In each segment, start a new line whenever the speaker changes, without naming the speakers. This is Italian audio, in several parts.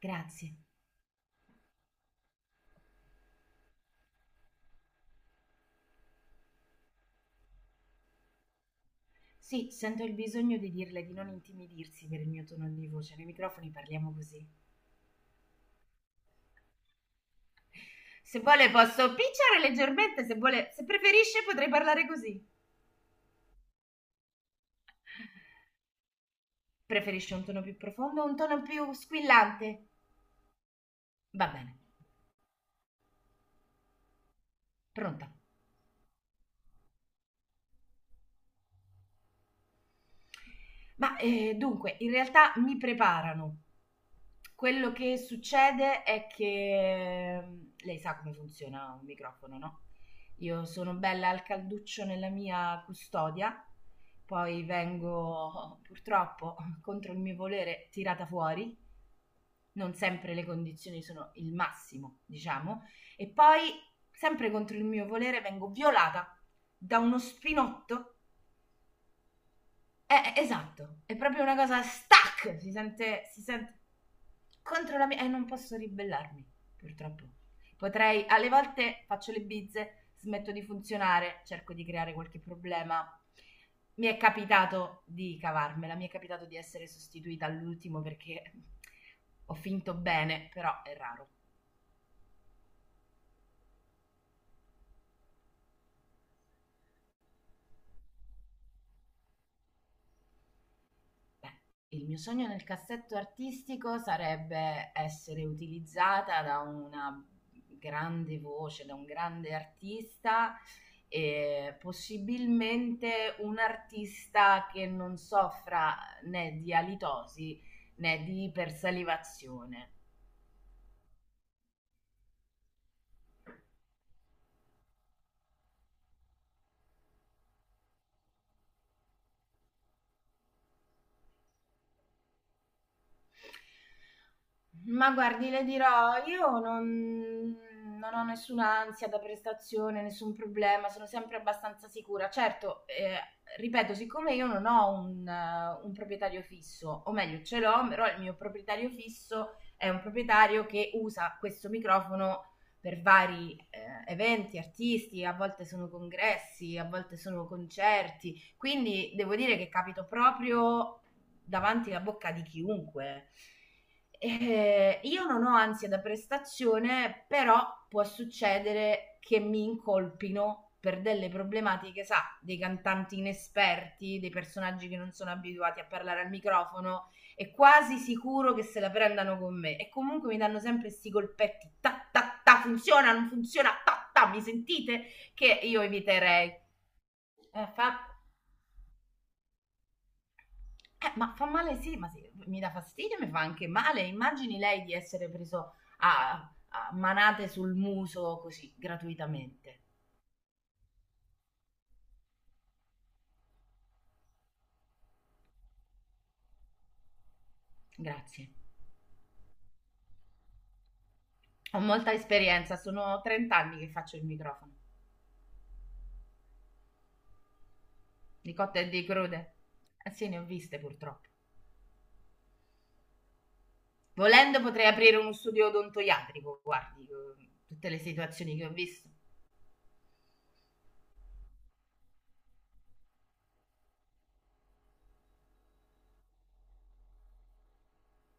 Grazie. Sì, sento il bisogno di dirle di non intimidirsi per il mio tono di voce, nei microfoni parliamo così. Se vuole posso picciare leggermente, se vuole, se preferisce potrei parlare così. Preferisce un tono più profondo o un tono più squillante? Va bene. Pronta. In realtà mi preparano. Quello che succede è che, lei sa come funziona un microfono, no, io sono bella al calduccio nella mia custodia, poi vengo, purtroppo, contro il mio volere, tirata fuori. Non sempre le condizioni sono il massimo, diciamo, e poi sempre contro il mio volere vengo violata da uno spinotto. Esatto, è proprio una cosa stack, si sente contro la mia... Non posso ribellarmi, purtroppo. Potrei, alle volte faccio le bizze, smetto di funzionare, cerco di creare qualche problema. Mi è capitato di cavarmela, mi è capitato di essere sostituita all'ultimo perché ho finto bene, però è raro. Beh, il mio sogno nel cassetto artistico sarebbe essere utilizzata da una grande voce, da un grande artista e possibilmente un artista che non soffra né di alitosi né di ipersalivazione. Ma guardi, le dirò, io non, non ho nessuna ansia da prestazione, nessun problema, sono sempre abbastanza sicura. Certo, ripeto, siccome io non ho un proprietario fisso, o meglio, ce l'ho, però il mio proprietario fisso è un proprietario che usa questo microfono per vari eventi artisti, a volte sono congressi, a volte sono concerti. Quindi devo dire che capito proprio davanti alla bocca di chiunque. Io non ho ansia da prestazione, però può succedere che mi incolpino per delle problematiche, sa, dei cantanti inesperti, dei personaggi che non sono abituati a parlare al microfono e quasi sicuro che se la prendano con me. E comunque mi danno sempre questi colpetti, ta ta ta, funziona, non funziona, ta ta, mi sentite? Che io eviterei. Fa ma fa male, sì, ma sì, mi dà fastidio, mi fa anche male. Immagini lei di essere preso a, a manate sul muso così, gratuitamente. Grazie. Ho molta esperienza, sono 30 anni che faccio il microfono, di cotte e di crude. Eh sì, ne ho viste, purtroppo. Volendo potrei aprire uno studio odontoiatrico, guardi, tutte le situazioni che ho visto.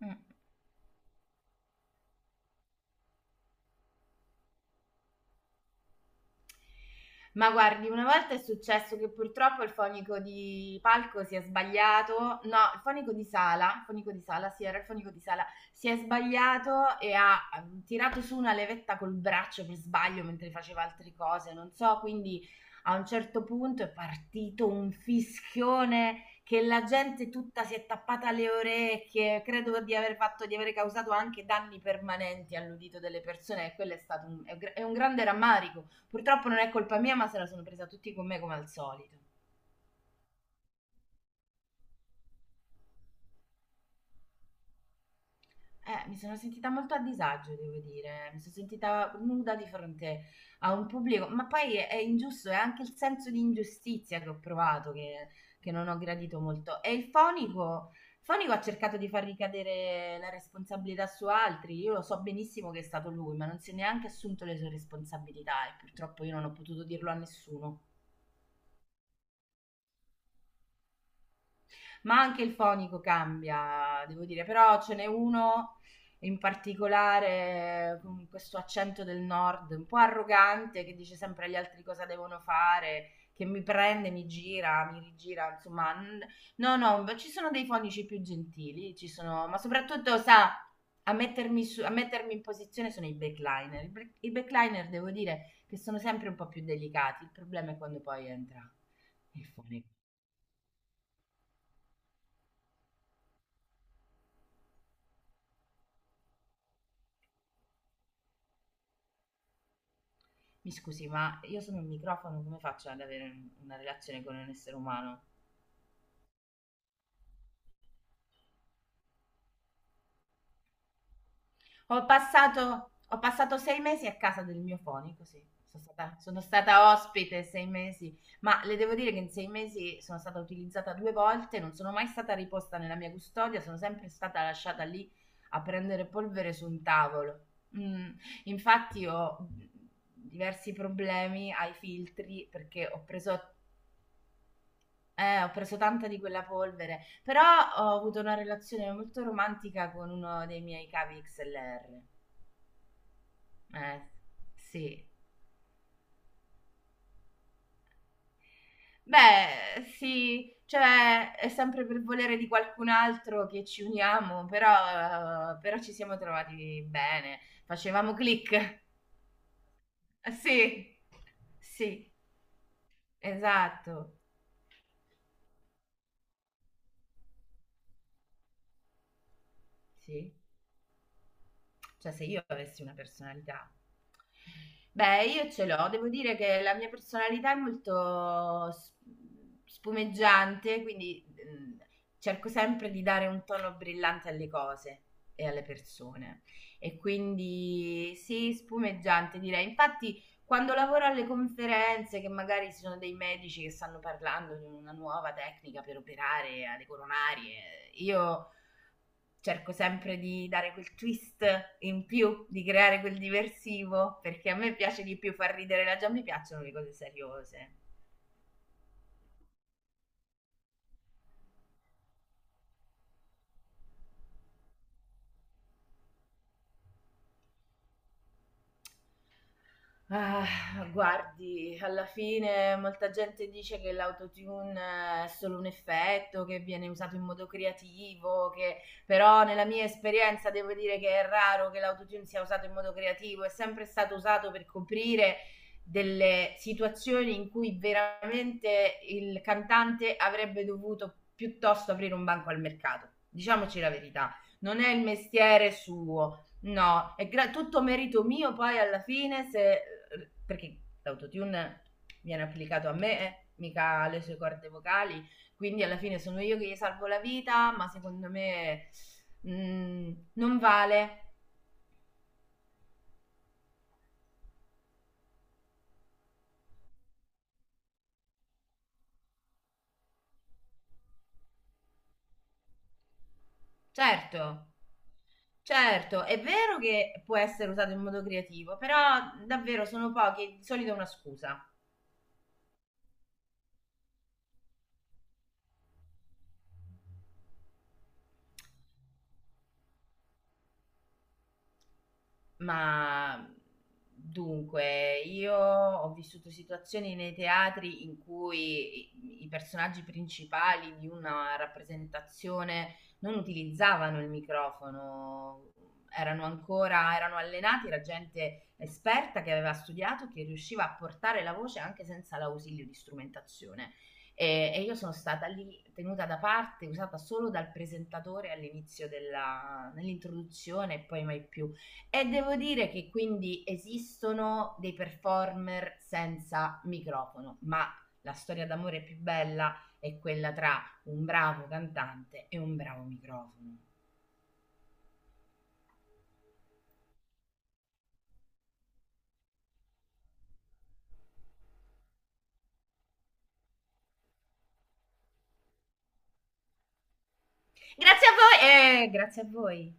Mm. Ma guardi, una volta è successo che purtroppo il fonico di palco si è sbagliato, no, il fonico di sala, sì, era il fonico di sala, si è sbagliato e ha tirato su una levetta col braccio per sbaglio mentre faceva altre cose, non so, quindi a un certo punto è partito un fischione che la gente tutta si è tappata le orecchie. Credo di aver fatto, di aver causato anche danni permanenti all'udito delle persone, e quello è stato un, è un grande rammarico. Purtroppo non è colpa mia, ma se la sono presa tutti con me come al solito. Mi sono sentita molto a disagio, devo dire, mi sono sentita nuda di fronte a un pubblico, ma poi è ingiusto, è anche il senso di ingiustizia che ho provato, che non ho gradito molto. E il fonico ha cercato di far ricadere la responsabilità su altri, io lo so benissimo che è stato lui, ma non si è neanche assunto le sue responsabilità e purtroppo io non ho potuto dirlo a nessuno. Ma anche il fonico cambia, devo dire, però ce n'è uno in particolare con questo accento del nord un po' arrogante, che dice sempre agli altri cosa devono fare, che mi prende, mi gira, mi rigira, insomma, no, no, ma ci sono dei fonici più gentili, ci sono, ma soprattutto sa, a mettermi in posizione sono i backliner. I backliner devo dire che sono sempre un po' più delicati, il problema è quando poi entra il fonico. Mi scusi, ma io sono un microfono, come faccio ad avere una relazione con un essere umano? Ho passato 6 mesi a casa del mio fonico, sì. Sono stata ospite 6 mesi, ma le devo dire che in 6 mesi sono stata utilizzata 2 volte, non sono mai stata riposta nella mia custodia, sono sempre stata lasciata lì a prendere polvere su un tavolo. Mm, Infatti ho diversi problemi ai filtri perché ho preso... ho preso tanta di quella polvere, però ho avuto una relazione molto romantica con uno dei miei cavi XLR. Eh, sì. Beh, sì, cioè è sempre per volere di qualcun altro che ci uniamo, però, però ci siamo trovati bene, facevamo click. Sì, sì, esatto. Sì. Cioè, se io avessi una personalità. Beh, io ce l'ho, devo dire che la mia personalità è molto spumeggiante, quindi cerco sempre di dare un tono brillante alle cose e alle persone. E quindi sì, spumeggiante direi. Infatti, quando lavoro alle conferenze, che magari ci sono dei medici che stanno parlando di una nuova tecnica per operare alle coronarie, io cerco sempre di dare quel twist in più, di creare quel diversivo, perché a me piace di più far ridere la già, mi piacciono le cose seriose. Ah, guardi, alla fine molta gente dice che l'autotune, è solo un effetto, che viene usato in modo creativo, che... però nella mia esperienza devo dire che è raro che l'autotune sia usato in modo creativo, è sempre stato usato per coprire delle situazioni in cui veramente il cantante avrebbe dovuto piuttosto aprire un banco al mercato. Diciamoci la verità, non è il mestiere suo. No, tutto merito mio poi alla fine se... perché l'autotune viene applicato a me, mica alle sue corde vocali, quindi alla fine sono io che gli salvo la vita, ma secondo me, non vale. Certo, certo, è vero che può essere usato in modo creativo, però davvero sono pochi, di solito è una scusa. Ma dunque, io ho vissuto situazioni nei teatri in cui i personaggi principali di una rappresentazione non utilizzavano il microfono, erano allenati, era gente esperta che aveva studiato, che riusciva a portare la voce anche senza l'ausilio di strumentazione. E io sono stata lì tenuta da parte, usata solo dal presentatore all'inizio della, nell'introduzione e poi mai più. E devo dire che quindi esistono dei performer senza microfono, ma la storia d'amore più bella è quella tra un bravo cantante e un bravo microfono. Grazie a voi e grazie a voi.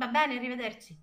Va bene, arrivederci.